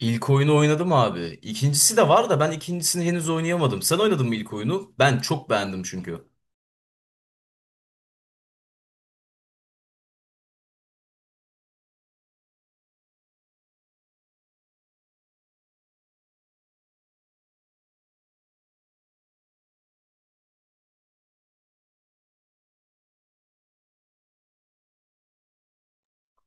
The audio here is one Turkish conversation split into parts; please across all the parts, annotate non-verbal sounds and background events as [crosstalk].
İlk oyunu oynadım abi. İkincisi de var da ben ikincisini henüz oynayamadım. Sen oynadın mı ilk oyunu? Ben çok beğendim çünkü.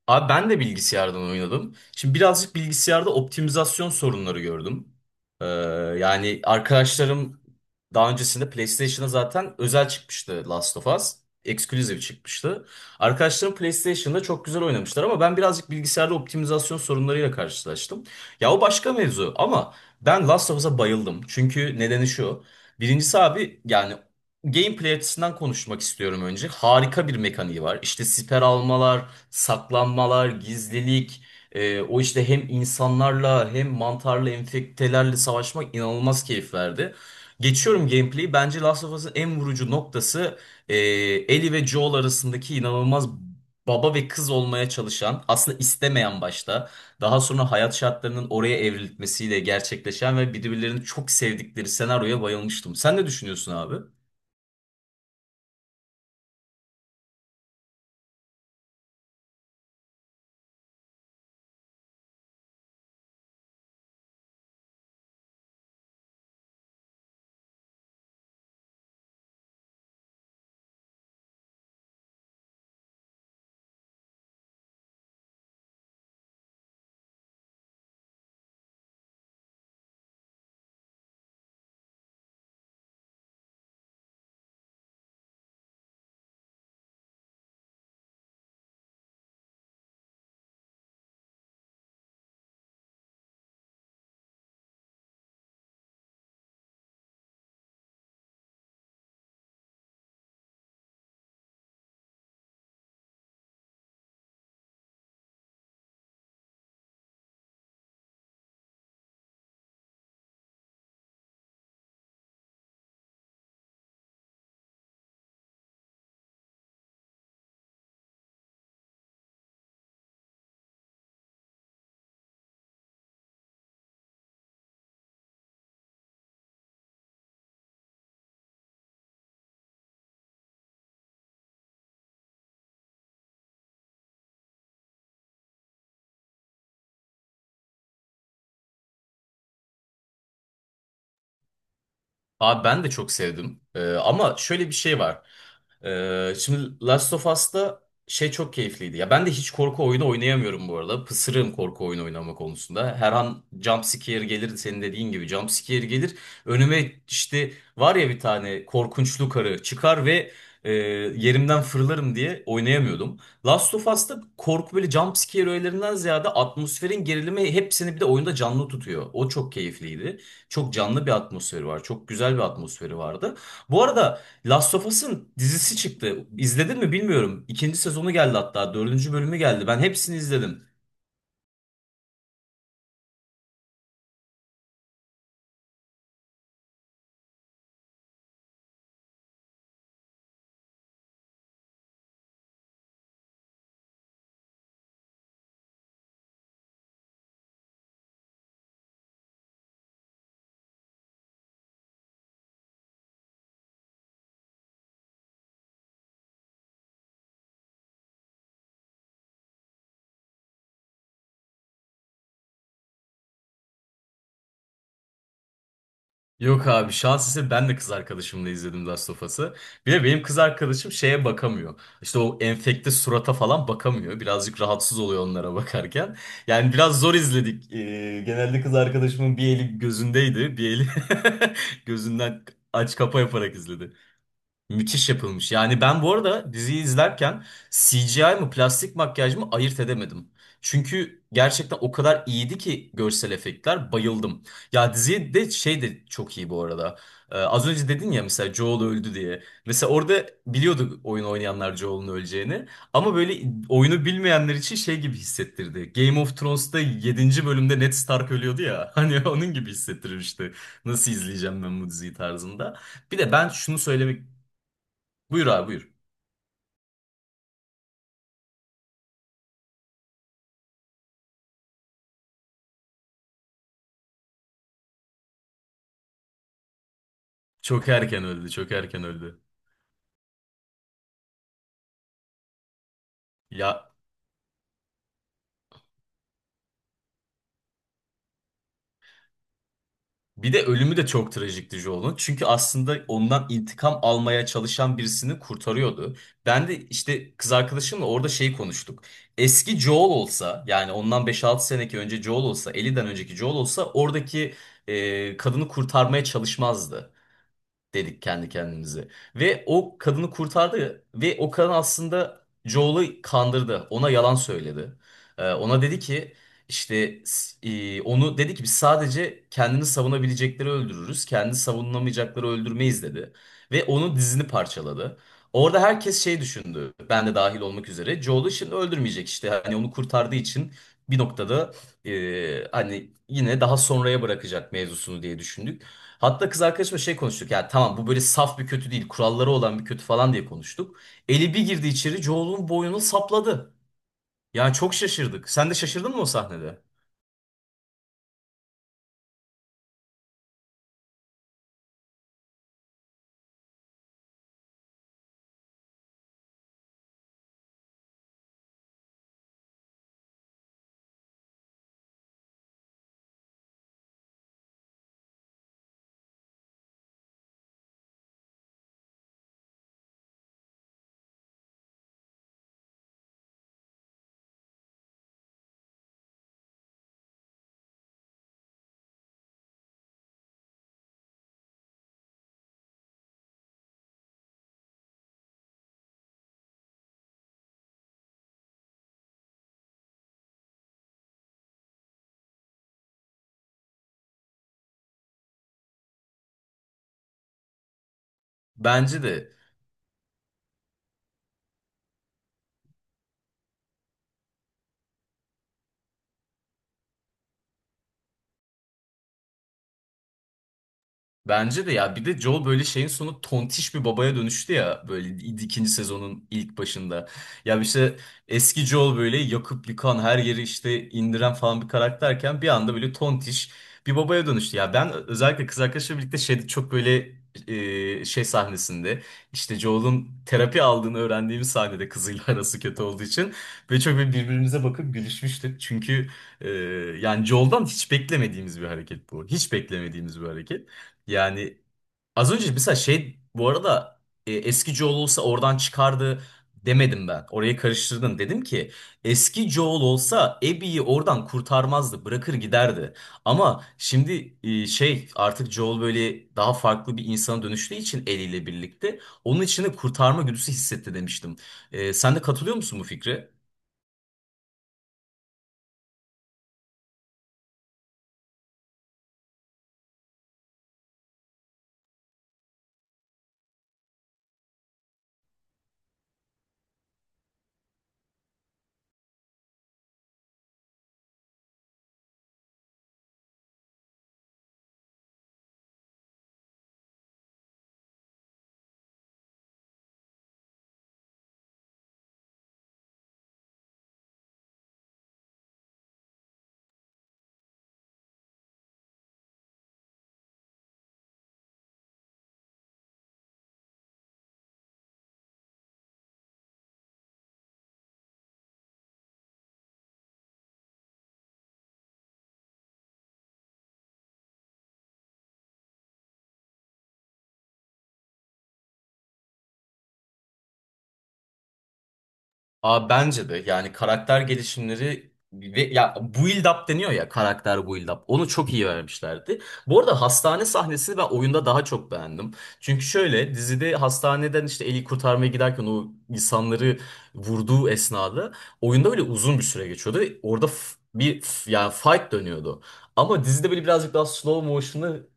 Abi ben de bilgisayardan oynadım. Şimdi birazcık bilgisayarda optimizasyon sorunları gördüm. Ee, Yani arkadaşlarım daha öncesinde PlayStation'a zaten özel çıkmıştı Last of Us. Exclusive çıkmıştı. Arkadaşlarım PlayStation'da çok güzel oynamışlar ama ben birazcık bilgisayarda optimizasyon sorunlarıyla karşılaştım. Ya o başka mevzu ama ben Last of Us'a bayıldım. Çünkü nedeni şu. Birincisi abi yani gameplay açısından konuşmak istiyorum önce. Harika bir mekaniği var. İşte siper almalar, saklanmalar, gizlilik, o işte hem insanlarla hem mantarla, enfektelerle savaşmak inanılmaz keyif verdi. Geçiyorum gameplay'i. Bence Last of Us'ın en vurucu noktası Ellie ve Joel arasındaki inanılmaz baba ve kız olmaya çalışan, aslında istemeyen başta, daha sonra hayat şartlarının oraya evrilmesiyle gerçekleşen ve birbirlerini çok sevdikleri senaryoya bayılmıştım. Sen ne düşünüyorsun abi? Abi ben de çok sevdim. Ama şöyle bir şey var. Şimdi Last of Us'ta şey çok keyifliydi. Ya ben de hiç korku oyunu oynayamıyorum bu arada. Pısırığım korku oyunu oynama konusunda. Her an jump scare gelir senin dediğin gibi jump scare gelir. Önüme işte var ya bir tane korkunçlu karı çıkar ve e, yerimden fırlarım diye oynayamıyordum. Last of Us'ta korku böyle jump scare öğelerinden ziyade atmosferin gerilimi hepsini bir de oyunda canlı tutuyor. O çok keyifliydi. Çok canlı bir atmosferi var. Çok güzel bir atmosferi vardı. Bu arada Last of Us'ın dizisi çıktı. İzledin mi bilmiyorum. İkinci sezonu geldi hatta. Dördüncü bölümü geldi. Ben hepsini izledim. Yok abi şans ise ben de kız arkadaşımla izledim Last of Us'ı. Bir de benim kız arkadaşım şeye bakamıyor. İşte o enfekte surata falan bakamıyor. Birazcık rahatsız oluyor onlara bakarken. Yani biraz zor izledik. Genelde kız arkadaşımın bir eli gözündeydi. Bir eli [laughs] gözünden aç kapa yaparak izledi. Müthiş yapılmış. Yani ben bu arada diziyi izlerken CGI mı plastik makyaj mı ayırt edemedim. Çünkü gerçekten o kadar iyiydi ki görsel efektler bayıldım. Ya diziye de şey de çok iyi bu arada. Az önce dedin ya mesela Joel öldü diye. Mesela orada biliyordu oyun oynayanlar Joel'un öleceğini. Ama böyle oyunu bilmeyenler için şey gibi hissettirdi. Game of Thrones'ta yedinci bölümde Ned Stark ölüyordu ya. [laughs] Hani onun gibi hissettirmişti. Nasıl izleyeceğim ben bu diziyi tarzında. Bir de ben şunu söylemek. Buyur abi buyur. Çok erken öldü, çok erken öldü. Ya bir de ölümü de çok trajikti Joel'un. Çünkü aslında ondan intikam almaya çalışan birisini kurtarıyordu. Ben de işte kız arkadaşımla orada şey konuştuk. Eski Joel olsa yani ondan 5-6 seneki önce Joel olsa, 50'den önceki Joel olsa oradaki kadını kurtarmaya çalışmazdı, dedik kendi kendimize. Ve o kadını kurtardı ve o kadın aslında Joel'ı kandırdı. Ona yalan söyledi. Ona dedi ki işte onu dedi ki biz sadece kendini savunabilecekleri öldürürüz. Kendini savunamayacakları öldürmeyiz dedi. Ve onun dizini parçaladı. Orada herkes şey düşündü. Ben de dahil olmak üzere. Joel'ı şimdi öldürmeyecek işte. Hani onu kurtardığı için bir noktada hani yine daha sonraya bırakacak mevzusunu diye düşündük. Hatta kız arkadaşımla şey konuştuk ya tamam bu böyle saf bir kötü değil kuralları olan bir kötü falan diye konuştuk. Eli bir girdi içeri Joel'un boynunu sapladı. Yani çok şaşırdık. Sen de şaşırdın mı o sahnede? Bence de. Bence de ya bir de Joel böyle şeyin sonu tontiş bir babaya dönüştü ya böyle ikinci sezonun ilk başında. Ya işte eski Joel böyle yakıp yıkan her yeri işte indiren falan bir karakterken bir anda böyle tontiş bir babaya dönüştü. Ya ben özellikle kız arkadaşımla birlikte şeyde çok böyle şey sahnesinde işte Joel'un terapi aldığını öğrendiğimiz sahnede kızıyla [laughs] arası kötü olduğu için böyle çok böyle birbirimize bakıp gülüşmüştük. Çünkü e, yani Joel'dan hiç beklemediğimiz bir hareket bu. Hiç beklemediğimiz bir hareket. Yani az önce mesela şey bu arada eski Joel olsa oradan çıkardı demedim ben. Orayı karıştırdın. Dedim ki eski Joel olsa Abby'yi oradan kurtarmazdı. Bırakır giderdi. Ama şimdi şey artık Joel böyle daha farklı bir insana dönüştüğü için eliyle birlikte onun içinde kurtarma güdüsü hissetti demiştim. Sen de katılıyor musun bu fikre? Aa, bence de yani karakter gelişimleri ve ya build up deniyor ya karakter build up. Onu çok iyi vermişlerdi. Bu arada hastane sahnesini ben oyunda daha çok beğendim. Çünkü şöyle dizide hastaneden işte Eli kurtarmaya giderken o insanları vurduğu esnada oyunda böyle uzun bir süre geçiyordu, ve orada yani fight dönüyordu. Ama dizide böyle birazcık daha slow motion'ı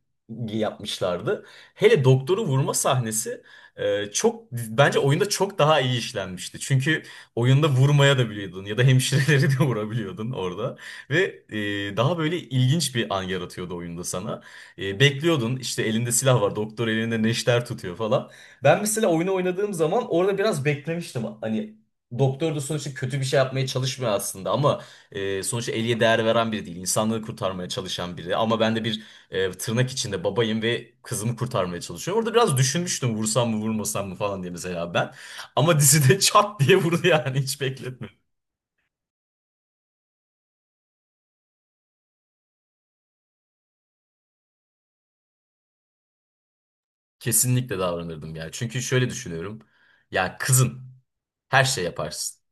yapmışlardı. Hele doktoru vurma sahnesi çok bence oyunda çok daha iyi işlenmişti. Çünkü oyunda vurmaya da biliyordun ya da hemşireleri de [laughs] vurabiliyordun orada. Ve daha böyle ilginç bir an yaratıyordu oyunda sana. Bekliyordun işte elinde silah var doktor elinde neşter tutuyor falan. Ben mesela oyunu oynadığım zaman orada biraz beklemiştim. Hani doktor da sonuçta kötü bir şey yapmaya çalışmıyor aslında ama sonuçta Ellie'ye değer veren biri değil. İnsanlığı kurtarmaya çalışan biri ama ben de bir tırnak içinde babayım ve kızımı kurtarmaya çalışıyorum. Orada biraz düşünmüştüm vursam mı vurmasam mı falan diye mesela ben. Ama dizide [laughs] çat diye vurdu yani hiç bekletmedim. Kesinlikle davranırdım ya. Çünkü şöyle düşünüyorum. Ya kızın her şey yaparsın.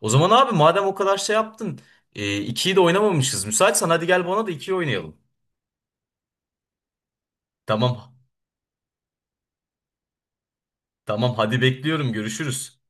O zaman abi madem o kadar şey yaptın. İkiyi de oynamamışız. Müsaitsen hadi gel bana da ikiyi oynayalım. Tamam. Tamam hadi bekliyorum. Görüşürüz.